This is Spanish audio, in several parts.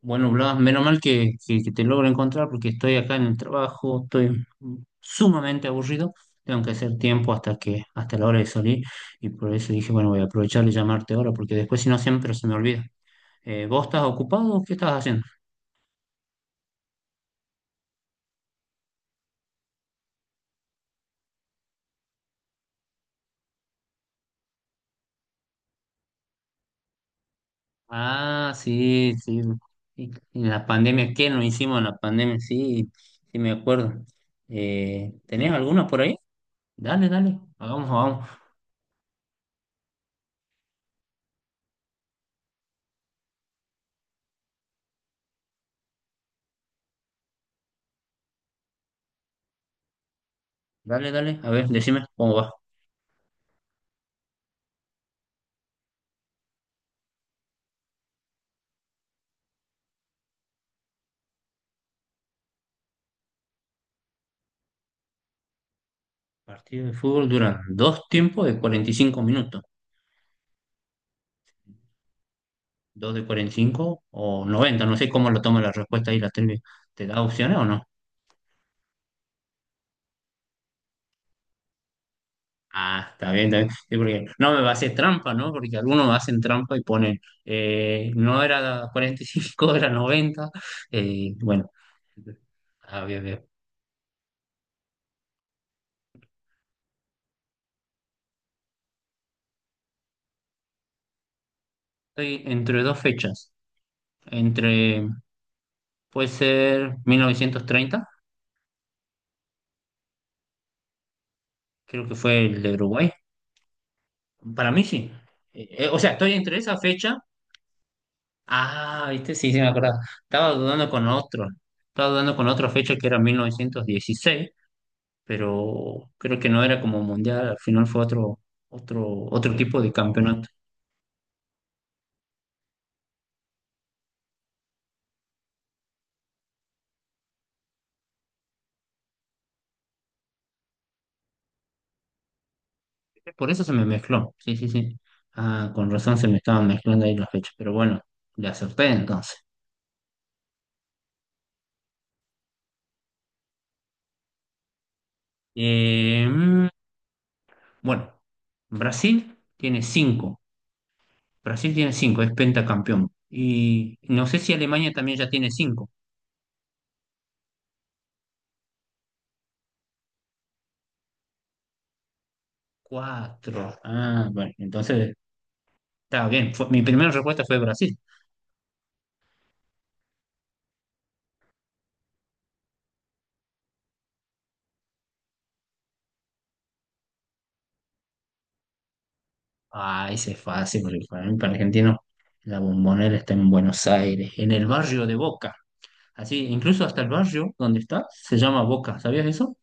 Bueno, Blas, menos mal que te logro encontrar porque estoy acá en el trabajo, estoy sumamente aburrido, tengo que hacer tiempo hasta la hora de salir y por eso dije, bueno, voy a aprovechar y llamarte ahora porque después si no siempre se me olvida. ¿Vos estás ocupado o qué estás haciendo? Ah, sí, sí. Y- En la pandemia, ¿qué nos hicimos en la pandemia? Sí, sí me acuerdo. ¿Tenés alguna por ahí? Dale, dale, hagamos. Dale, dale, a ver, decime cómo va. Partidos de fútbol duran dos tiempos de 45 minutos, dos de 45 o noventa, no sé cómo lo toma la respuesta ahí la trivia. ¿Te da opciones o no? Ah, está bien, está bien. Sí, porque no me va a hacer trampa, ¿no? Porque algunos hacen trampa y ponen, no era cuarenta y cinco, era noventa. eh, bueno, ah, bien, bien. Estoy entre dos fechas, entre, puede ser mil novecientos treinta, creo que fue el de Uruguay. Para mí sí. O sea, estoy entre esa fecha. Ah, viste, sí, sí, me acuerdo. Estaba dudando con otro. Estaba dudando con otra fecha que era 1916, pero creo que no era como mundial. Al final fue otro, otro tipo de campeonato. Por eso se me mezcló. Sí, sí, sí. Ah, con razón se me estaban mezclando ahí las fechas. Pero bueno, le acerté entonces. Eh, mm, bueno, Brasil tiene cinco. Brasil tiene cinco, es pentacampeón. Y no sé si Alemania también ya tiene cinco. Cuatro. Ah, bueno, entonces estaba bien. Fue- mi primera respuesta fue Brasil. Ah, ese es fácil, porque para mí, para argentino, la Bombonera está en Buenos Aires, en el barrio de Boca. Así, incluso hasta el barrio donde está se llama Boca. ¿Sabías eso?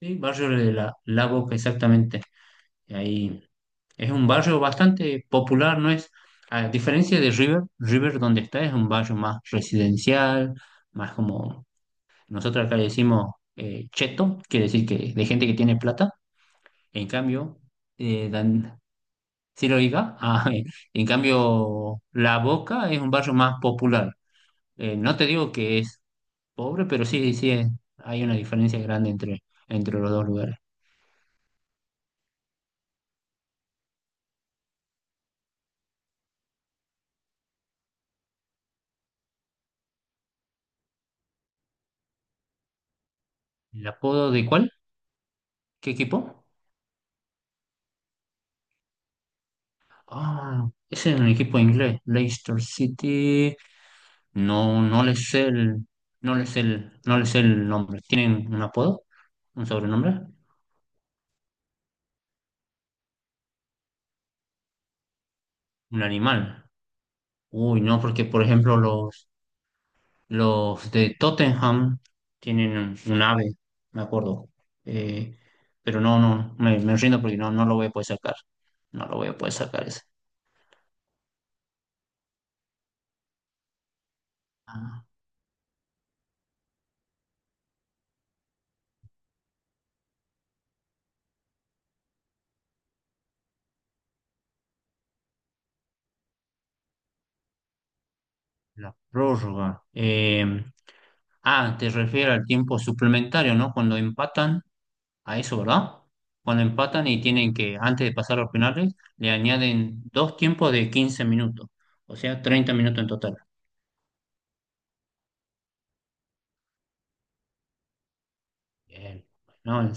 Sí, barrio de la Boca, exactamente. Y ahí es un barrio bastante popular, ¿no es? A diferencia de River, River donde está es un barrio más residencial, más como nosotros acá le decimos cheto, quiere decir que de gente que tiene plata. En cambio, ¿sí lo diga? Ah, en cambio, La Boca es un barrio más popular. No te digo que es pobre, pero sí, sí, es- hay una diferencia grande entre, entre los dos lugares. ¿El apodo de cuál? ¿Qué equipo? Ah, ese es un equipo inglés, Leicester City. No, no le sé el, no le sé el, no le sé el nombre. ¿Tienen un apodo? ¿Un sobrenombre? ¿Un animal? Uy, no, porque por ejemplo los de Tottenham tienen un ave, me acuerdo. Eh, pero no, no, me rindo porque no, no lo voy a poder sacar. No lo voy a poder sacar ese. Ah, la prórroga. Ah, te refieres al tiempo suplementario, ¿no? Cuando empatan, a eso, ¿verdad? Cuando empatan y tienen que, antes de pasar a los penales, le añaden dos tiempos de 15 minutos, o sea, 30 minutos en total. Bien. No, en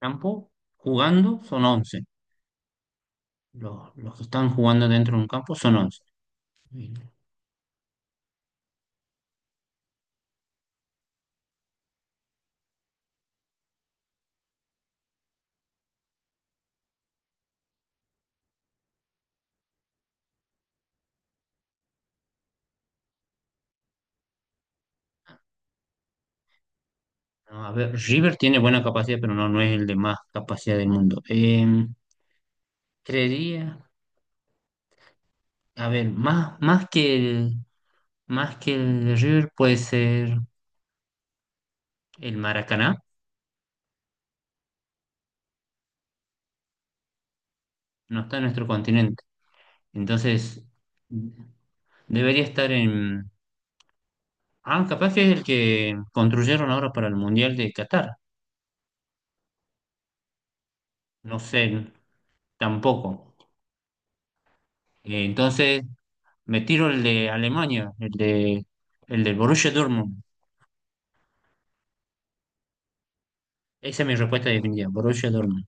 campo, jugando, son once. Los que están jugando dentro de un campo son once. Y a ver, River tiene buena capacidad, pero no, no es el de más capacidad del mundo. Creería, a ver, más que más que el de River puede ser el Maracaná, no está en nuestro continente. Entonces, debería estar en... ah, capaz que es el que construyeron ahora para el Mundial de Qatar. No sé, tampoco. Entonces, me tiro el de Alemania, el del Borussia Dortmund. Esa es mi respuesta definitiva, Borussia Dortmund.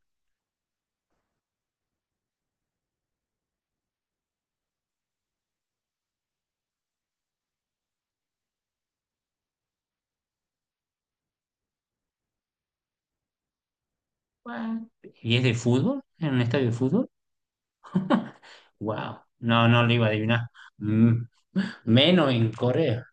What? ¿Y es de fútbol? ¿En un estadio de fútbol? ¡Wow! No, no lo iba a adivinar. Mm, menos en Corea.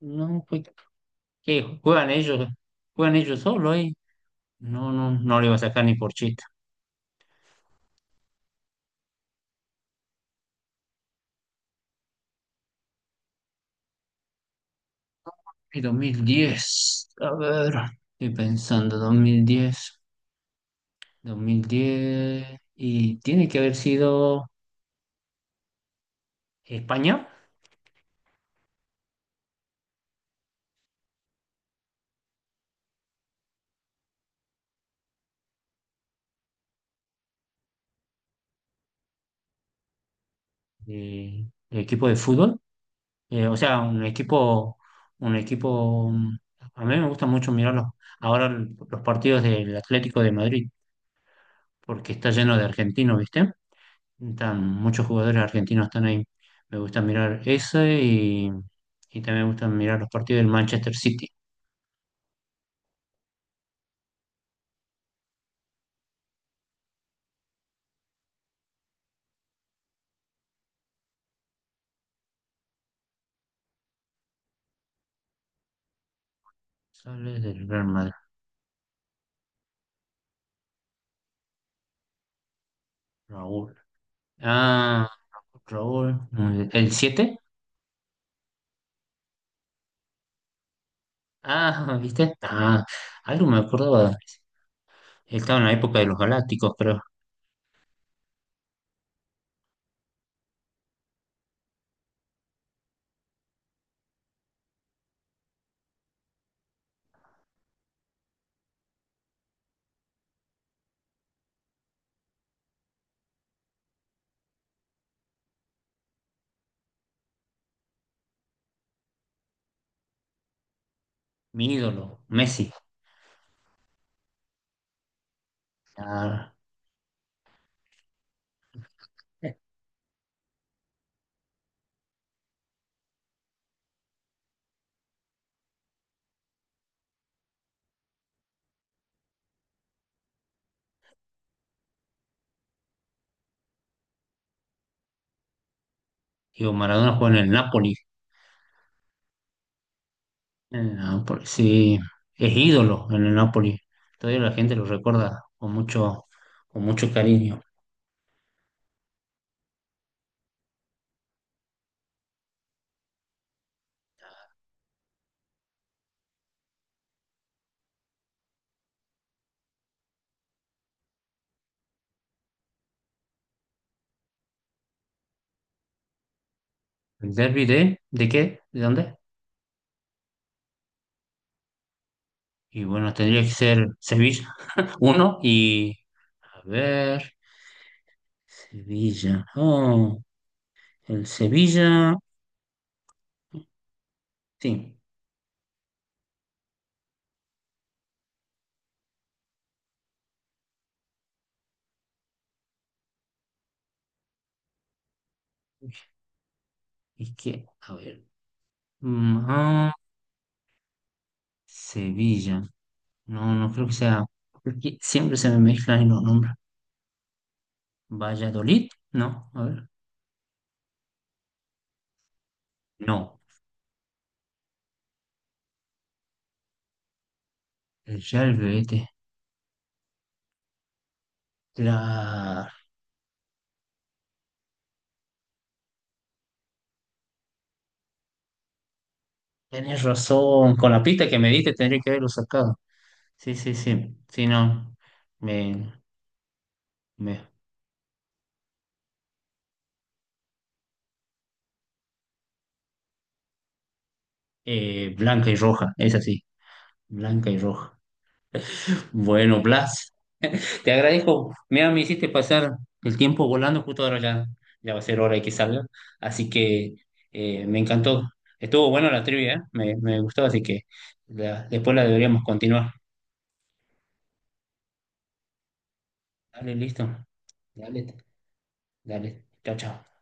No, pues, ¿qué? ¿Juegan ellos? ¿Juegan ellos solo ahí? No, no, no le iba a sacar ni por chiste. Y 2010. A ver, estoy pensando, 2010. 2010. Y tiene que haber sido España. El equipo de fútbol. O sea, un equipo, un equipo, mm, a mí me gusta mucho mirar los, ahora los partidos del Atlético de Madrid, porque está lleno de argentinos, ¿viste? Están, muchos jugadores argentinos están ahí. Me gusta mirar ese y también me gustan mirar los partidos del Manchester City. Sales del Real Madrid, Raúl. Ah, Raúl, el 7. Ah, ¿viste? Ah, algo me acordaba. Estaba en la época de los Galácticos, pero mi ídolo, Messi. Ah. Digo, Maradona juega en el Napoli. En el Napoli, sí, es ídolo en el Napoli. Todavía la gente lo recuerda con mucho cariño. ¿El derbi de qué? ¿De dónde? Y bueno, tendría que ser Sevilla, uno, y a ver, Sevilla. Oh, el Sevilla, sí. Es que, a ver, mm, ah, Sevilla. No, no creo que sea, porque siempre se me mezclan los nombres. Valladolid, no, a ver. No, el yerbe, ¿viste? La... Tenés razón, con la pista que me diste tendría que haberlo sacado. Sí, sí, sí. Sí, no. Me, me... blanca y roja, es así. Blanca y roja. Bueno, Blas, te agradezco. Mira, me hiciste pasar el tiempo volando, justo ahora ya, ya va a ser hora de que salga. Así que me encantó. Estuvo bueno la trivia, ¿eh? Me gustó, así que la- después la deberíamos continuar. Dale, listo. Dale, dale. Chao, chao.